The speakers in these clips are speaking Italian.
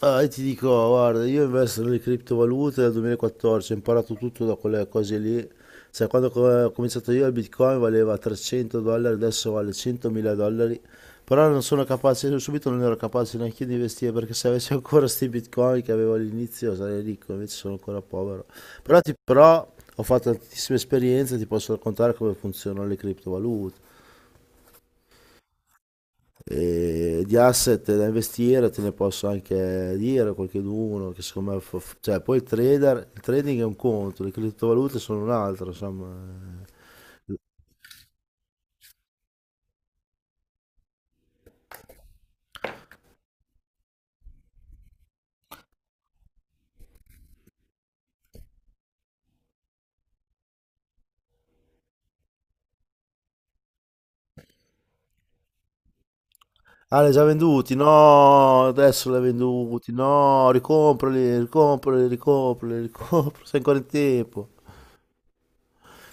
Ah, io ti dico, guarda, io investo nelle criptovalute dal 2014, ho imparato tutto da quelle cose lì. Cioè, quando ho cominciato io il Bitcoin valeva 300 dollari, adesso vale 100.000 dollari. Però non sono capace, io subito non ero capace neanche io di investire perché se avessi ancora questi Bitcoin che avevo all'inizio sarei ricco, invece sono ancora povero. Però, però ho fatto tantissime esperienze, ti posso raccontare come funzionano le criptovalute. E di asset da investire te ne posso anche dire qualcheduno che secondo me cioè poi il trading è un conto, le criptovalute sono un altro, insomma. Ah, li hai già venduti? No, adesso li hai venduti? No, ricomprali, ricomprali, ricomprali, ricomprali, sei ancora in tempo.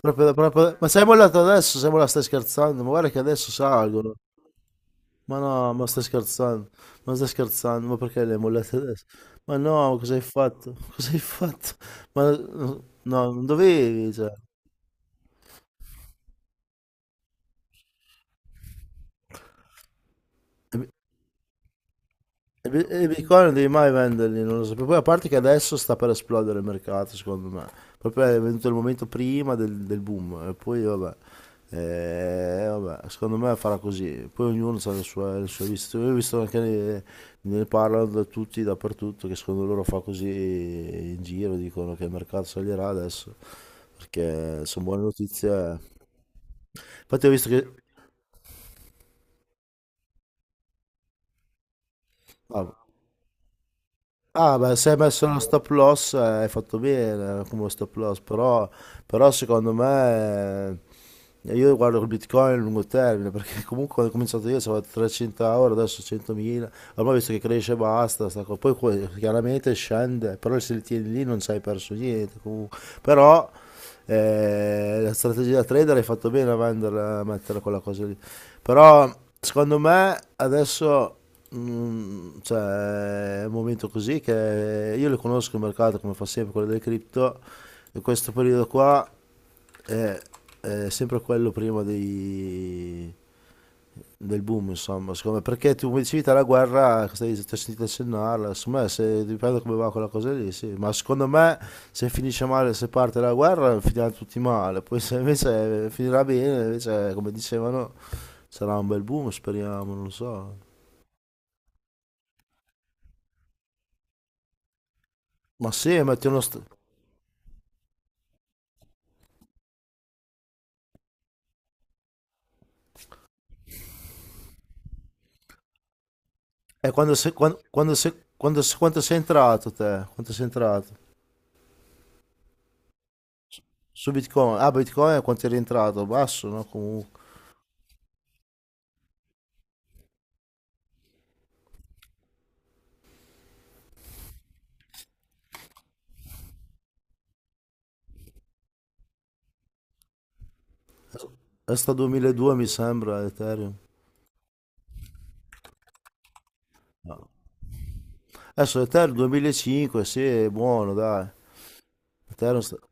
Ma sei mollato adesso, sei mollato? Stai scherzando, ma guarda che adesso salgono. Ma no, ma stai scherzando, ma stai scherzando, ma perché le hai mollate adesso? Ma no, cosa hai fatto? Cosa hai fatto? Ma no, non dovevi, cioè. I bitcoin non devi mai venderli, non lo so. Poi a parte che adesso sta per esplodere il mercato, secondo me. Proprio è venuto il momento prima del boom. E poi vabbè. Vabbè, secondo me farà così. Poi ognuno ha le sue viste. Io ho visto anche ne parlano da tutti, dappertutto, che secondo loro fa così in giro, dicono che il mercato salirà adesso. Perché sono buone notizie. Eh. Infatti ho visto che... ah, Ah, beh, se hai messo uno stop loss, hai fatto bene, come stop loss, però, però secondo me, io guardo il Bitcoin a lungo termine, perché comunque quando ho cominciato io avevo 300 euro, adesso 100.000, ormai visto che cresce basta, sta co- poi que- chiaramente scende, però se li tieni lì non ci hai perso niente comunque. Però, la strategia da trader hai fatto bene a venderla, a mettere quella cosa lì. Però secondo me adesso, cioè, è un momento così che io le conosco il mercato come fa sempre quello delle cripto, in questo periodo qua è, è sempre quello prima dei del boom, insomma, secondo me, perché tu come dicevi te la guerra, stai, ti ho sentito accennarla, secondo me se, dipende come va quella cosa lì, sì, ma secondo me se finisce male, se parte la guerra, finiranno tutti male, poi se invece finirà bene, invece come dicevano, sarà un bel boom, speriamo, non lo so. Ma sì, metti uno... Quanto sei entrato te? Quanto sei entrato? Su Bitcoin? Ah, Bitcoin quanto è rientrato? Basso, no? Comunque. È sta 2002 mi sembra, Ethereum. Adesso l'Ethereum 2005, sì, è buono, dai. L'Ethereum sta-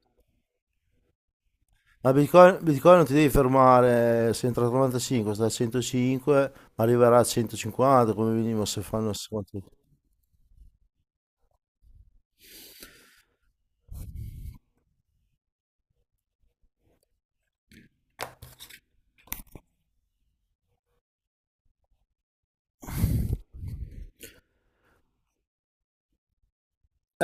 Ma Bitcoin, Bitcoin non ti devi fermare, se entra a 95, sta a 105, ma arriverà a 150 come minimo se fanno 50.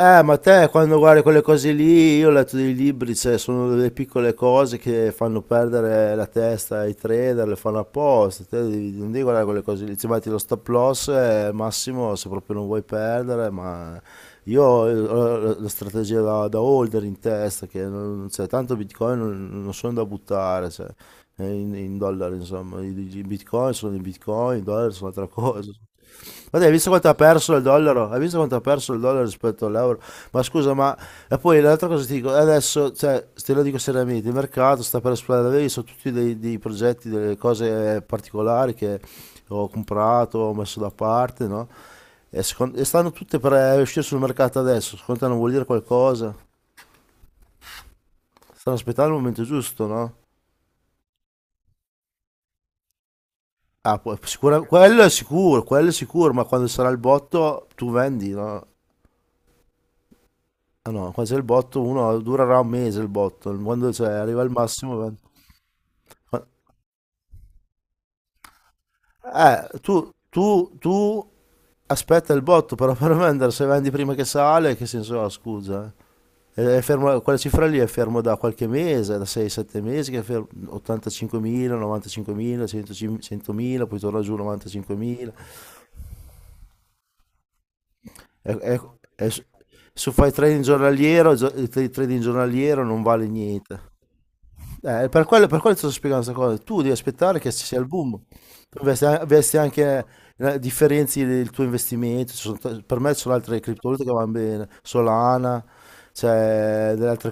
Ma te quando guardi quelle cose lì, io ho letto dei libri, cioè, sono delle piccole cose che fanno perdere la testa ai trader, le fanno apposta, non devi guardare quelle cose lì, ti metti lo stop loss, al massimo se proprio non vuoi perdere, ma io ho la strategia da holder in testa, che non, cioè, tanto bitcoin non sono da buttare, cioè, in dollari insomma, i bitcoin sono i bitcoin, i dollari sono altra cosa. Guarda, hai visto quanto ha perso il dollaro? Hai visto quanto ha perso il dollaro rispetto all'euro? Ma scusa, ma... E poi l'altra cosa ti dico, adesso, cioè, te lo dico seriamente, il mercato sta per esplodere, vedi, sono tutti dei progetti, delle cose particolari che ho comprato, ho messo da parte, no? E stanno tutte per uscire sul mercato adesso, secondo te non vuol dire qualcosa? Stanno aspettando il momento giusto, no? Ah, poi, quello è sicuro, ma quando sarà il botto tu vendi, no? Ah no, quando c'è il botto, uno durerà un mese il botto, quando cioè, arriva al massimo. Tu aspetta il botto però per vendere, se vendi prima che sale, che senso ha, scusa? Eh? Quella cifra lì è fermo da qualche mese, da 6-7 mesi, che è fermo, 85.000, 95.000, 100.000, 100.000, poi torna giù 95.000. È, è, è, su- Se fai trading giornaliero, trading giornaliero non vale niente. Per quello ti sto spiegando questa cosa. Tu devi aspettare che ci sia il boom. Tu investi, investi anche, differenzi del tuo investimento. Per me ci sono altre criptovalute che vanno bene. Solana, c'è delle altre...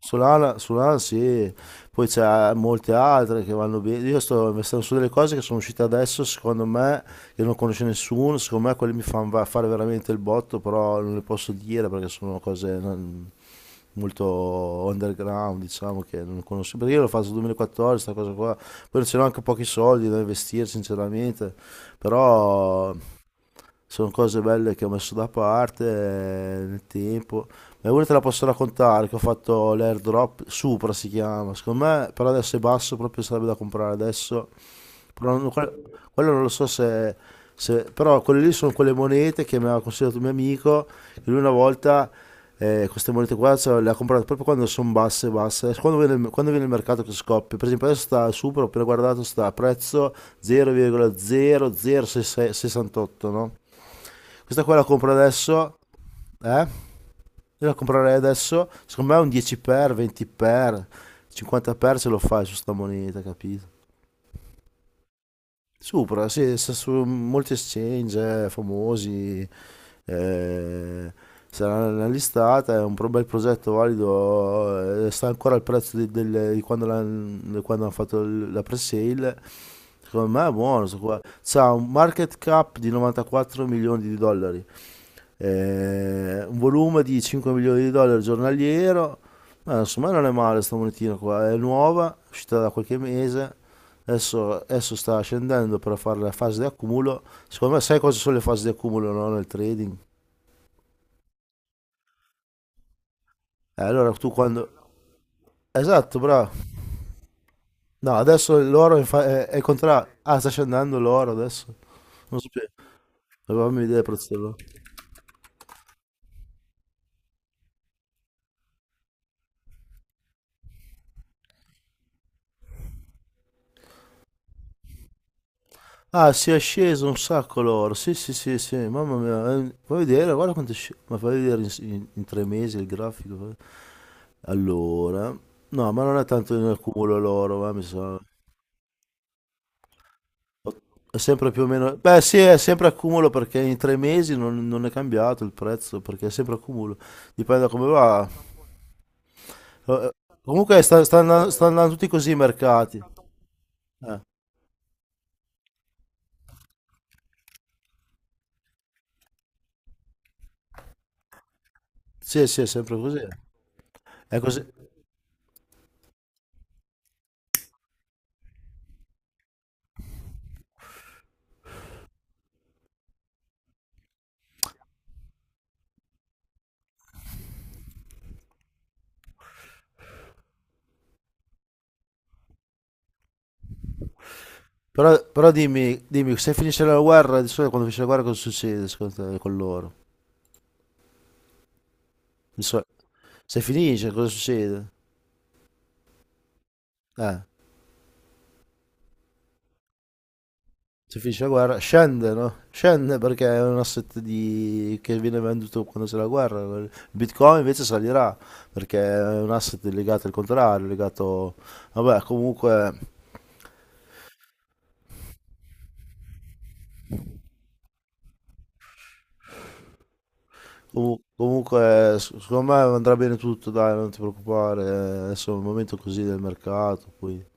Solana, Solana sì, poi c'è molte altre che vanno bene. Io sto investendo su delle cose che sono uscite adesso, secondo me, che non conosce nessuno. Secondo me quelle mi fanno fare veramente il botto, però non le posso dire perché sono cose... molto underground, diciamo che non conosco, perché io l'ho fatto nel 2014, questa cosa qua, poi c'erano anche pochi soldi da investire sinceramente, però sono cose belle che ho messo da parte, nel tempo. Ma una te la posso raccontare, che ho fatto l'airdrop, Supra si chiama, secondo me, però adesso è basso, proprio sarebbe da comprare adesso però quello non lo so se. Però quelle lì sono quelle monete che mi aveva consigliato un mio amico. Che lui una volta, queste monete qua, cioè, le ha comprate proprio quando sono basse, basse. Quando viene il mercato che scoppia. Per esempio adesso sta super, ho appena guardato, sta a prezzo 0,00668, no? Questa qua la compro adesso, eh? Io la comprerei adesso, secondo me un 10x, 20x, 50x se lo fai su sta moneta, capito? Supra, sì, sta su molti exchange, famosi, eh, sarà nella listata, è un bel progetto valido, sta ancora al prezzo di quando, di quando hanno fatto la pre-sale, secondo me è buono, sto qua. C'ha un market cap di 94 milioni di dollari, un volume di 5 milioni di dollari giornaliero, ma insomma non è male sta monetina qua, è nuova, è uscita da qualche mese, adesso sta scendendo per fare la fase di accumulo, secondo me sai cosa sono le fasi di accumulo, no? Nel trading? Allora tu quando... Esatto, bravo. No, adesso l'oro è, in fa- è contrario. Ah, sta scendendo l'oro adesso. Non so più. Avevamo idea del prezzo dell'oro. Ah, si è sceso un sacco l'oro. Sì, sì, sì, sì, mamma mia. Fai vedere, guarda quanto è sceso. Ma fai vedere in 3 mesi il grafico. Eh. Allora, no, ma non è tanto in accumulo l'oro, ma mi sa. È sempre più o meno. Beh, sì, è sempre accumulo perché in 3 mesi non è cambiato il prezzo, perché è sempre accumulo. Dipende da come va. Eh, Comunque sta andando tutti così i mercati. Eh, sì, sì, è sempre così. È così. Però dimmi, dimmi, se finisce la guerra, di solito quando finisce la guerra cosa succede secondo te con loro? Di soli- Se finisce cosa succede? Eh, se finisce la guerra scende, no? Scende perché è un asset di... che viene venduto quando c'è la guerra. Il Bitcoin invece salirà perché è un asset legato al contrario, legato... Vabbè, comunque, comunque secondo me andrà bene tutto, dai, non ti preoccupare. Adesso è un momento così del mercato, poi...